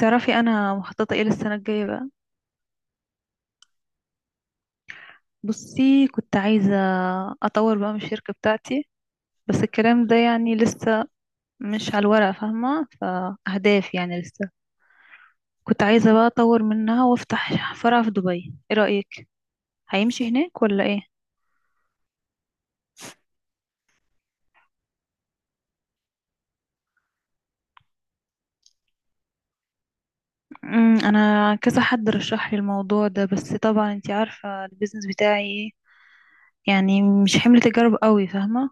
تعرفي انا مخططه ايه للسنه الجايه بقى؟ بصي، كنت عايزه اطور بقى من الشركه بتاعتي. بس الكلام ده يعني لسه مش على الورق، فاهمه؟ فاهداف يعني لسه. كنت عايزه بقى اطور منها وافتح فرع في دبي. ايه رايك؟ هيمشي هناك ولا ايه؟ انا كذا حد رشح لي الموضوع ده، بس طبعا انتي عارفه البيزنس بتاعي ايه، يعني مش حمل تجارب قوي، فاهمه؟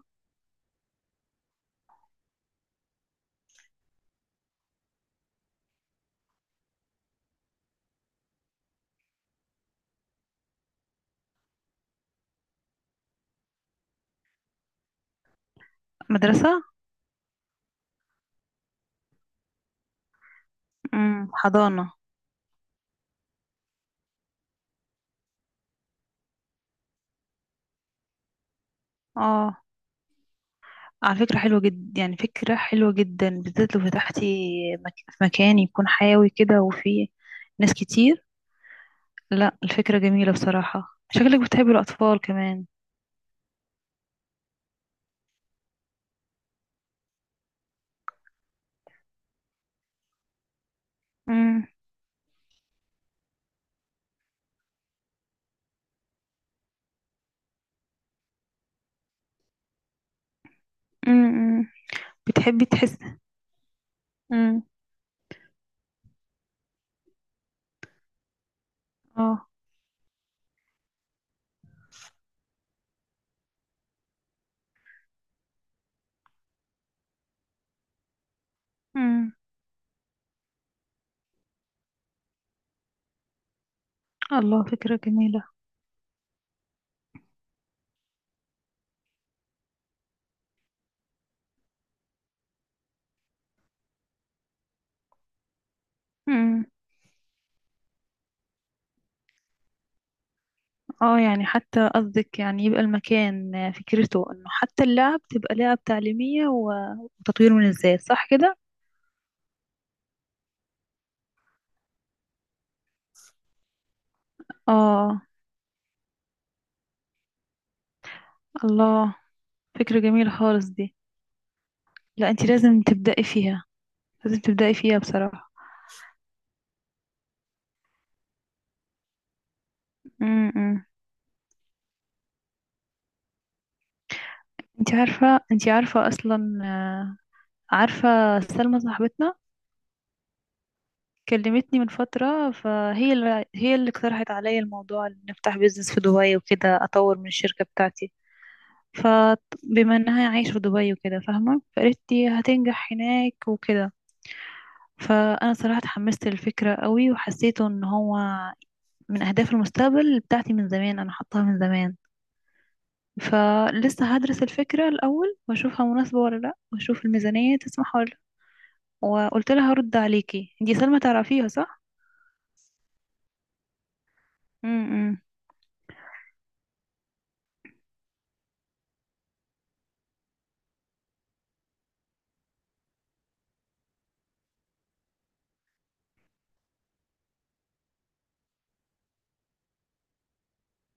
مدرسه؟ امم، حضانه. اه. على فكرة حلوة جدا، يعني فكرة حلوة جدا، بالذات لو فتحتي في مكان يكون حيوي كده وفيه ناس كتير. لا، الفكرة جميلة بصراحة، شكلك بتحبي الأطفال كمان. امم. امم. بتحبي تحس. امم. اه. امم. الله، فكرة جميلة. امم. اه يعني حتى قصدك، يعني يبقى المكان فكرته انه حتى اللعب تبقى لعب تعليمية وتطوير من الذات، صح كده؟ اه. الله، فكرة جميلة خالص دي. لا، انت لازم تبدأي فيها. لازم تبدأي فيها بصراحة. امم. انت عارفة اصلا، عارفة سلمى صاحبتنا. كلمتني من فترة، فهي اللي اقترحت عليا الموضوع ان نفتح بيزنس في دبي وكده، اطور من الشركة بتاعتي. فبما انها عايشة في دبي وكده فاهمة، فقالت لي هتنجح هناك وكده. فانا صراحة اتحمست للفكرة قوي، وحسيته ان هو من اهداف المستقبل بتاعتي من زمان، انا حطاها من زمان. فلسه هدرس الفكرة الأول وأشوفها مناسبة ولا لأ، وأشوف الميزانية تسمح ولا لأ. وقلت لها هرد عليكي. دي سلمى تعرفيها صح؟ امم.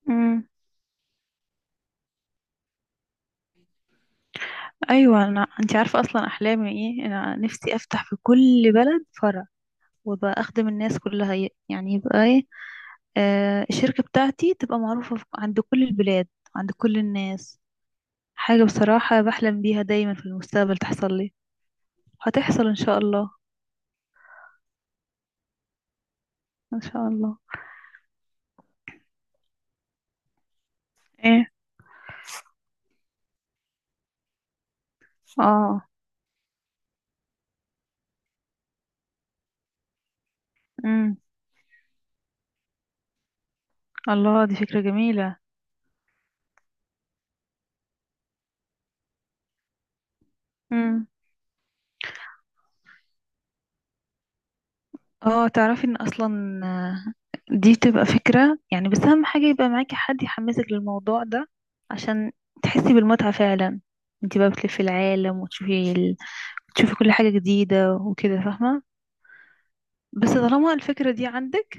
امم. أيوة، أنا أنت عارفة أصلا أحلامي إيه. أنا نفسي أفتح في كل بلد فرع، وابقى أخدم الناس كلها، يعني يبقى إيه، الشركة بتاعتي تبقى معروفة عند كل البلاد، عند كل الناس. حاجة بصراحة بحلم بيها دايما في المستقبل تحصل لي. هتحصل إن شاء الله. إن شاء الله. إيه. آه. الله، دي فكرة جميلة. امم. اه. تعرفي ان اصلا، دي بتبقى فكرة يعني، بس اهم حاجة يبقى معاكي حد يحمسك للموضوع ده عشان تحسي بالمتعة فعلا. انت بقى بتلفي العالم وتشوفي تشوفي كل حاجة جديدة وكده، فاهمة؟ بس طالما الفكرة دي عندك،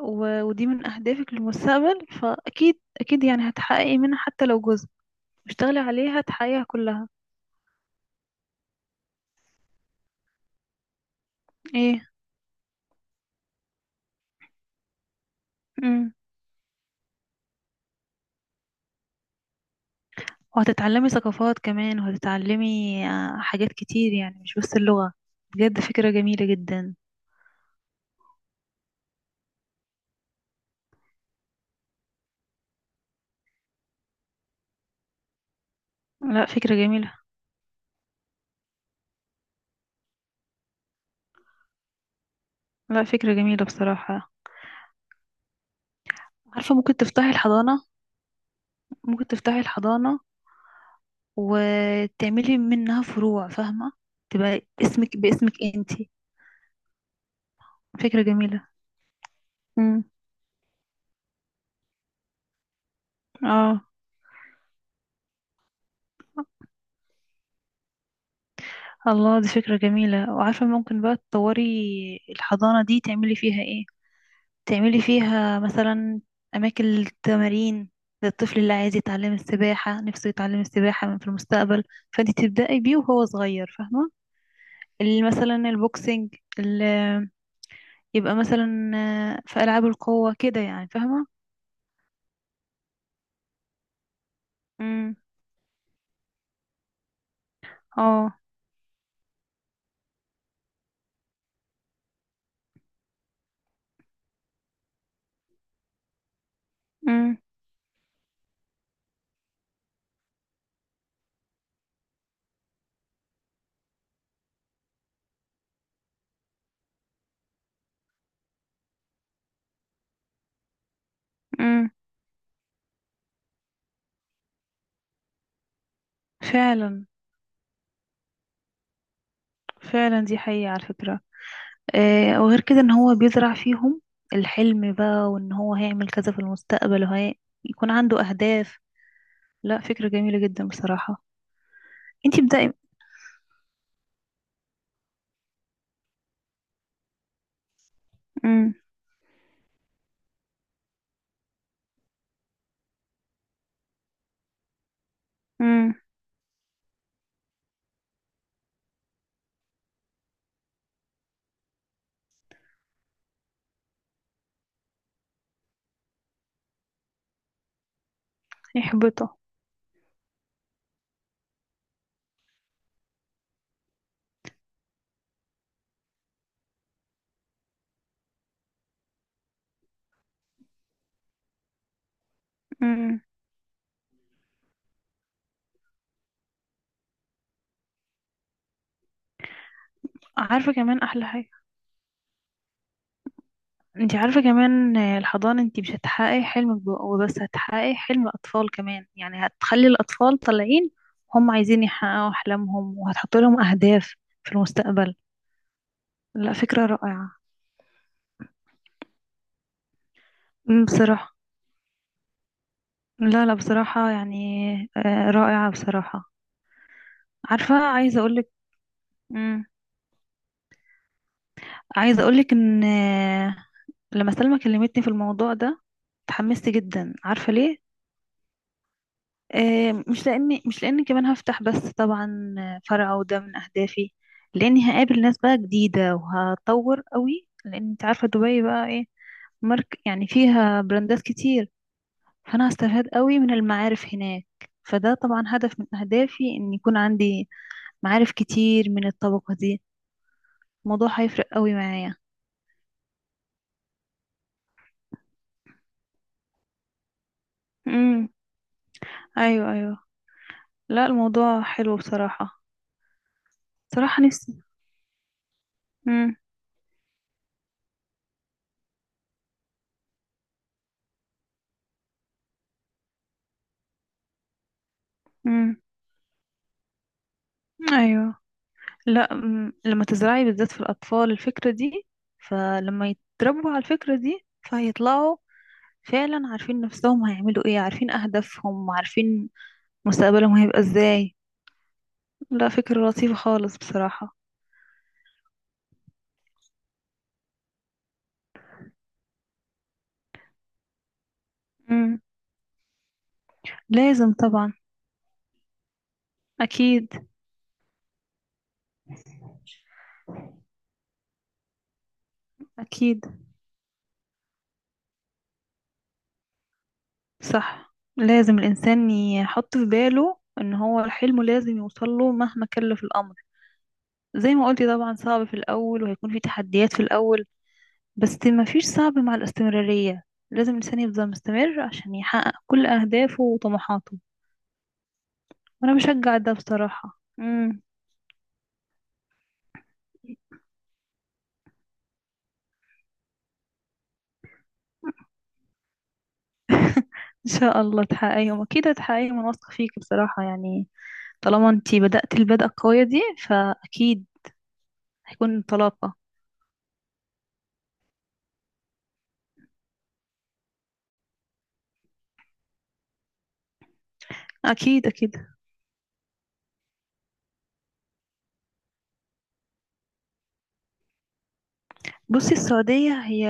ودي من اهدافك للمستقبل، فاكيد اكيد يعني هتحققي منها حتى لو جزء. اشتغلي عليها تحققيها كلها. ايه. امم. وهتتعلمي ثقافات كمان، وهتتعلمي حاجات كتير، يعني مش بس اللغة. بجد فكرة جميلة جدا. لا، فكرة جميلة. لا، فكرة جميلة بصراحة. عارفة ممكن تفتحي الحضانة؟ ممكن تفتحي الحضانة وتعملي منها فروع، فاهمة؟ تبقى اسمك باسمك انتي. فكرة جميلة. امم. اه. الله، دي فكرة جميلة. وعارفة ممكن بقى تطوري الحضانة دي تعملي فيها ايه؟ تعملي فيها مثلا أماكن للتمارين، للطفل اللي عايز يتعلم السباحة نفسه يتعلم السباحة من في المستقبل، فانت تبدأي بيه وهو صغير، فاهمة؟ اللي مثلا البوكسينج، اللي يبقى مثلا في ألعاب القوة كده يعني، فاهمة؟ امم. اه. امم. امم. فعلا. فعلا، دي حقيقة على فكرة. آه، وغير كده ان هو بيزرع فيهم الحلم بقى، وان هو هيعمل كذا في المستقبل، وهي يكون عنده أهداف. لا، فكرة جميلة جدا بصراحة. انتي بدأي. امم. امم. يحبطه. امم. عارفة كمان أحلى حاجة؟ انتي عارفة كمان، الحضانة انتي مش هتحققي حلمك وبس، هتحققي حلم أطفال كمان، يعني هتخلي الأطفال طالعين هم عايزين يحققوا أحلامهم، وهتحط لهم أهداف في المستقبل. لا، فكرة رائعة. أمم، بصراحة. لا لا بصراحة، يعني رائعة بصراحة. عارفة عايزة أقولك. امم. عايزة أقولك إن، لما سلمى كلمتني في الموضوع ده اتحمست جدا، عارفة ليه؟ مش لاني كمان هفتح بس طبعا فرع وده من اهدافي، لاني هقابل ناس بقى جديده وهتطور قوي، لان انت عارفه دبي بقى ايه. مارك، يعني فيها براندات كتير. فانا هستفاد قوي من المعارف هناك. فده طبعا هدف من اهدافي ان يكون عندي معارف كتير من الطبقه دي. الموضوع هيفرق قوي معايا. امم. ايوه، ايوه. لا، الموضوع حلو بصراحه. بصراحه نفسي. امم. امم. ايوه. لا، لما تزرعي بالذات في الأطفال الفكرة دي، فلما يتربوا على الفكرة دي فهيطلعوا فعلا عارفين نفسهم هيعملوا ايه، عارفين أهدافهم، عارفين مستقبلهم هيبقى ازاي. لا، فكرة لطيفة خالص بصراحة. مم. لازم طبعا. أكيد. أكيد. صح، لازم الإنسان يحط في باله إن هو حلمه لازم يوصله مهما كلف الأمر. زي ما قلتي طبعا، صعب في الأول وهيكون في تحديات في الأول، بس مفيش صعب مع الاستمرارية. لازم الإنسان يفضل مستمر عشان يحقق كل أهدافه وطموحاته. وأنا بشجع ده بصراحة. مم. إن شاء الله تحققيهم، أكيد هتحققيهم، أنا واثقة فيك بصراحة يعني. طالما أنتي بدأت البدءة القوية دي، فأكيد هيكون انطلاقة. أكيد، أكيد. بصي، السعودية هي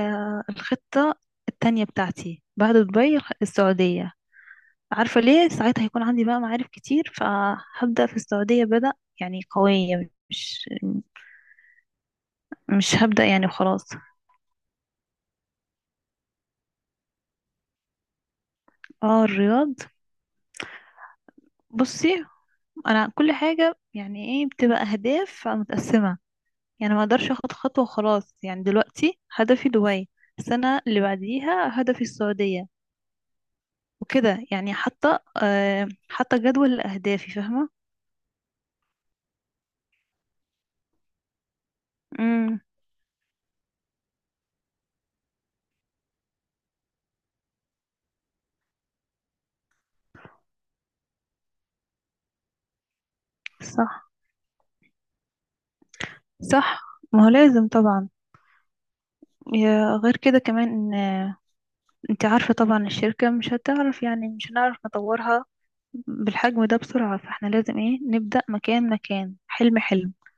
الخطة التانية بتاعتي بعد دبي. السعودية، عارفة ليه؟ ساعتها هيكون عندي بقى معارف كتير، فهبدأ في السعودية بدأ يعني قوية. مش هبدأ يعني وخلاص. اه، الرياض. بصي، انا كل حاجة يعني ايه، بتبقى اهداف متقسمة يعني. ما اقدرش اخد خطوة وخلاص. يعني دلوقتي هدفي دبي، السنة اللي بعديها هدفي السعودية، وكده يعني. حتى حتى جدول لأهدافي، فاهمة؟ امم. صح. صح. ما هو لازم طبعا. غير كده كمان ان انت عارفة طبعا الشركة مش هتعرف، يعني مش هنعرف نطورها بالحجم ده بسرعة، فاحنا لازم ايه، نبدأ مكان مكان، حلم حلم.